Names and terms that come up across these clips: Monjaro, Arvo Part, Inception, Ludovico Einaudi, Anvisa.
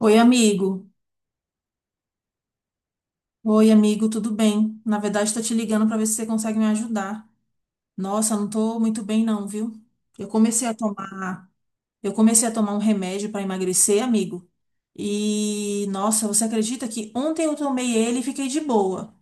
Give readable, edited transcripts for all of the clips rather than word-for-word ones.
Oi, amigo. Oi, amigo, tudo bem? Na verdade, tô te ligando para ver se você consegue me ajudar. Nossa, eu não tô muito bem não, viu? Eu comecei a tomar, eu comecei a tomar um remédio para emagrecer, amigo. E nossa, você acredita que ontem eu tomei ele e fiquei de boa.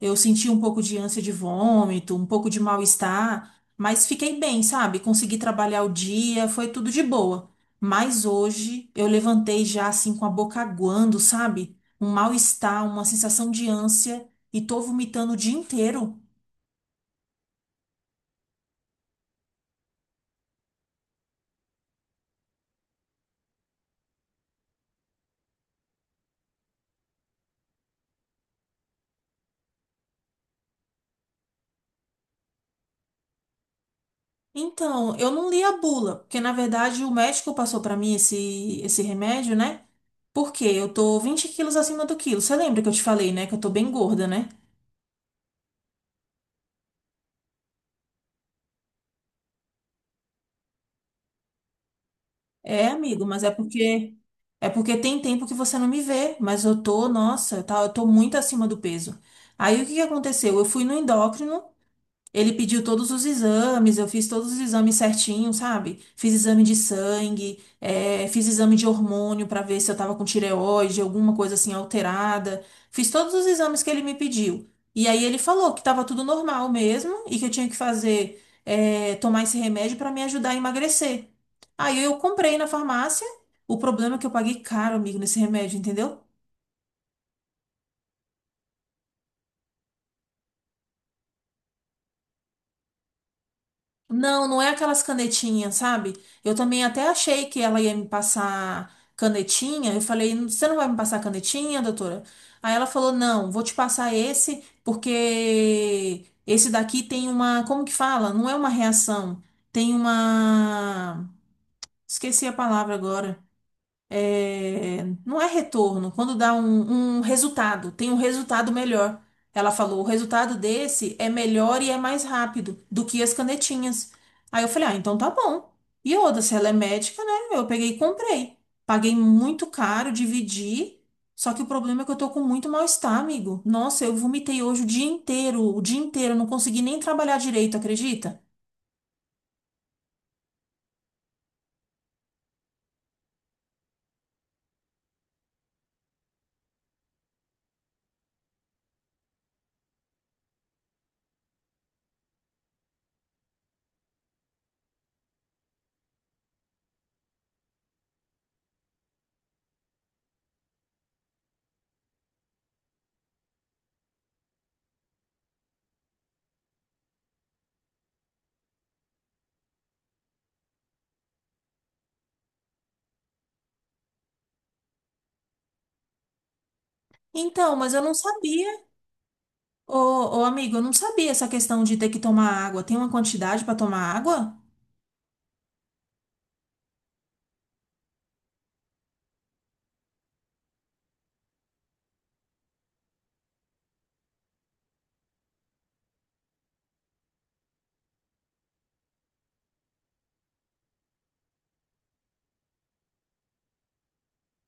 Eu senti um pouco de ânsia de vômito, um pouco de mal-estar, mas fiquei bem, sabe? Consegui trabalhar o dia, foi tudo de boa. Mas hoje eu levantei já assim com a boca aguando, sabe? Um mal-estar, uma sensação de ânsia e tô vomitando o dia inteiro. Então, eu não li a bula, porque na verdade o médico passou pra mim esse remédio, né? Porque eu tô 20 quilos acima do quilo. Você lembra que eu te falei, né? Que eu tô bem gorda, né? É, amigo, mas é porque tem tempo que você não me vê, mas eu tô, nossa, tá, eu tô muito acima do peso. Aí o que que aconteceu? Eu fui no endócrino, ele pediu todos os exames, eu fiz todos os exames certinho, sabe? Fiz exame de sangue, fiz exame de hormônio para ver se eu tava com tireoide, alguma coisa assim alterada. Fiz todos os exames que ele me pediu. E aí ele falou que tava tudo normal mesmo e que eu tinha que fazer, tomar esse remédio para me ajudar a emagrecer. Aí eu comprei na farmácia. O problema é que eu paguei caro, amigo, nesse remédio, entendeu? Não, não é aquelas canetinhas, sabe? Eu também até achei que ela ia me passar canetinha. Eu falei, você não vai me passar canetinha, doutora? Aí ela falou, não, vou te passar esse, porque esse daqui tem uma, como que fala? Não é uma reação, tem uma, esqueci a palavra agora, é, não é retorno, quando dá um, um resultado, tem um resultado melhor. Ela falou, o resultado desse é melhor e é mais rápido do que as canetinhas. Aí eu falei, ah, então tá bom. E outra, se ela é médica, né? Eu peguei e comprei. Paguei muito caro, dividi. Só que o problema é que eu tô com muito mal-estar, amigo. Nossa, eu vomitei hoje o dia inteiro, eu não consegui nem trabalhar direito, acredita? Então, mas eu não sabia. Ô, ô, amigo, eu não sabia essa questão de ter que tomar água. Tem uma quantidade para tomar água?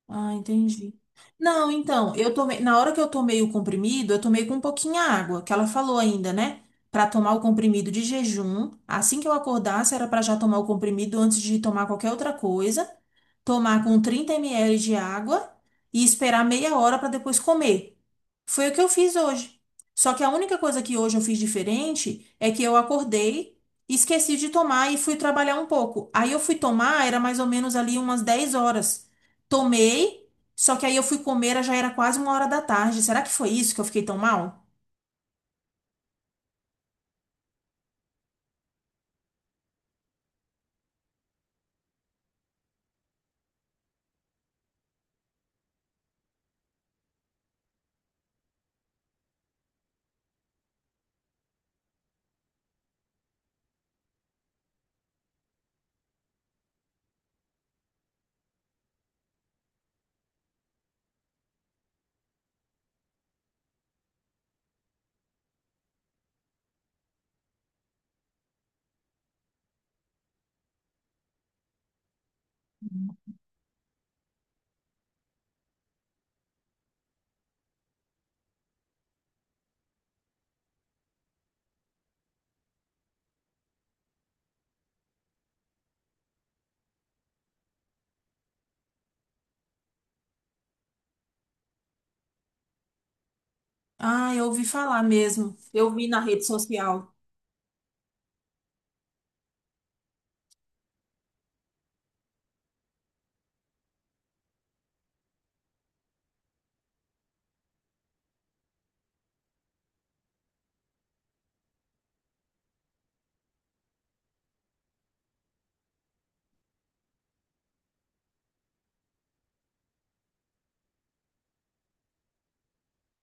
Ah, entendi. Não, então, eu tomei, na hora que eu tomei o comprimido, eu tomei com pouquinha água, que ela falou ainda, né? Pra tomar o comprimido de jejum, assim que eu acordasse, era pra já tomar o comprimido antes de tomar qualquer outra coisa, tomar com 30 ml de água e esperar meia hora pra depois comer. Foi o que eu fiz hoje. Só que a única coisa que hoje eu fiz diferente é que eu acordei, esqueci de tomar e fui trabalhar um pouco. Aí eu fui tomar, era mais ou menos ali umas 10 horas. Tomei, só que aí eu fui comer, já era quase 1 hora da tarde. Será que foi isso que eu fiquei tão mal? Ah, eu ouvi falar mesmo. Eu vi na rede social.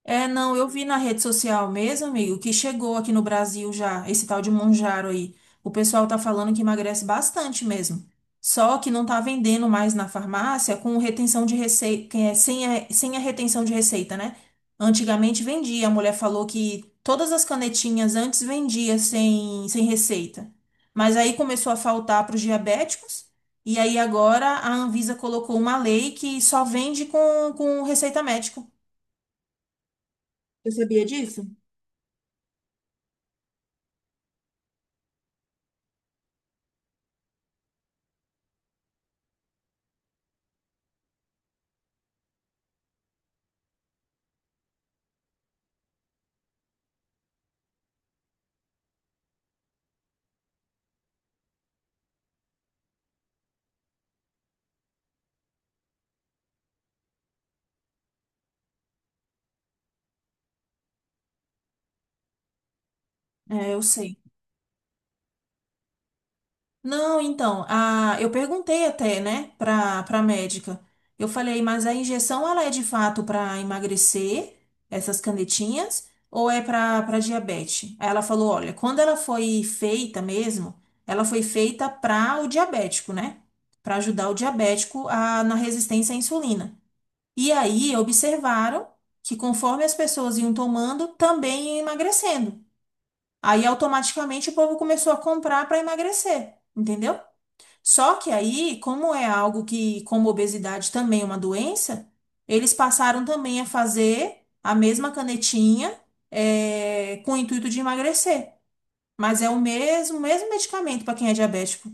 É, não, eu vi na rede social mesmo, amigo, que chegou aqui no Brasil já, esse tal de Monjaro aí. O pessoal tá falando que emagrece bastante mesmo. Só que não tá vendendo mais na farmácia com retenção de receita, é, sem a retenção de receita, né? Antigamente vendia, a mulher falou que todas as canetinhas antes vendia sem receita. Mas aí começou a faltar para os diabéticos, e aí agora a Anvisa colocou uma lei que só vende com receita médica. Você sabia disso? É, eu sei. Não, então, a, eu perguntei até, né, pra médica. Eu falei, mas a injeção ela é de fato para emagrecer, essas canetinhas, ou é para diabetes? Aí ela falou, olha, quando ela foi feita mesmo, ela foi feita para o diabético, né? Para ajudar o diabético a, na resistência à insulina. E aí observaram que conforme as pessoas iam tomando, também ia emagrecendo. Aí automaticamente o povo começou a comprar para emagrecer, entendeu? Só que aí, como é algo que, como obesidade também é uma doença, eles passaram também a fazer a mesma canetinha, com o intuito de emagrecer. Mas é o mesmo, mesmo medicamento para quem é diabético.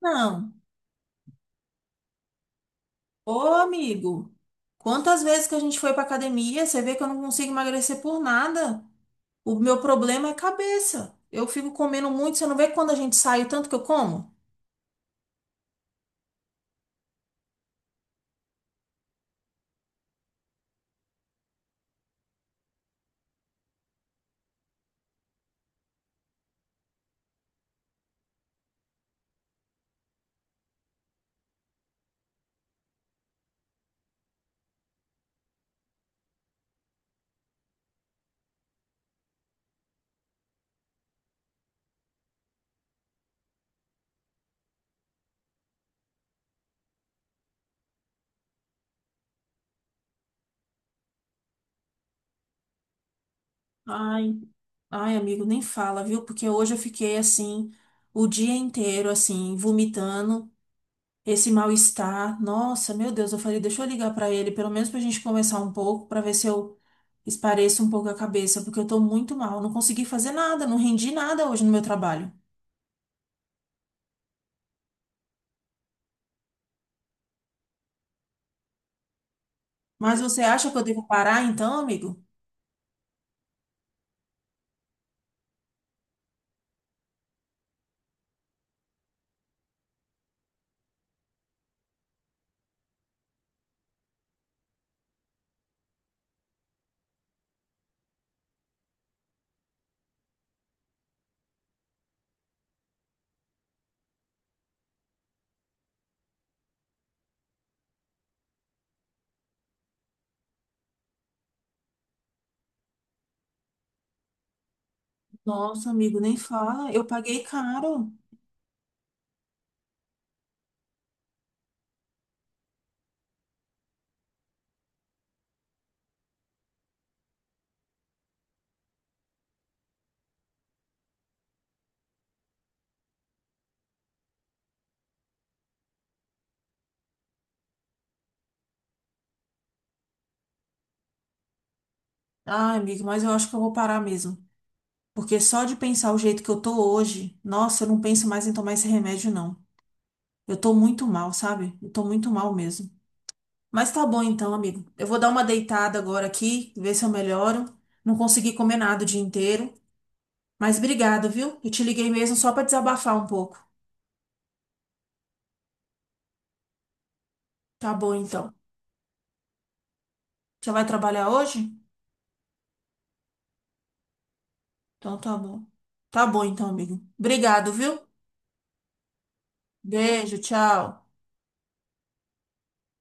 Não. Ô, amigo, quantas vezes que a gente foi para academia, você vê que eu não consigo emagrecer por nada. O meu problema é cabeça. Eu fico comendo muito, você não vê quando a gente sai o tanto que eu como? Ai, ai, amigo, nem fala, viu? Porque hoje eu fiquei assim, o dia inteiro, assim, vomitando esse mal-estar. Nossa, meu Deus, eu falei, deixa eu ligar pra ele, pelo menos pra gente conversar um pouco, pra ver se eu espareço um pouco a cabeça, porque eu tô muito mal. Não consegui fazer nada, não rendi nada hoje no meu trabalho. Mas você acha que eu devo parar então, amigo? Nossa, amigo, nem fala. Eu paguei caro. Ai, amigo, mas eu acho que eu vou parar mesmo. Porque só de pensar o jeito que eu tô hoje, nossa, eu não penso mais em tomar esse remédio, não. Eu tô muito mal, sabe? Eu tô muito mal mesmo. Mas tá bom então, amigo. Eu vou dar uma deitada agora aqui, ver se eu melhoro. Não consegui comer nada o dia inteiro. Mas obrigado, viu? Eu te liguei mesmo só pra desabafar um pouco. Tá bom então. Você vai trabalhar hoje? Então tá bom. Tá bom então, amigo. Obrigado, viu? Beijo, tchau.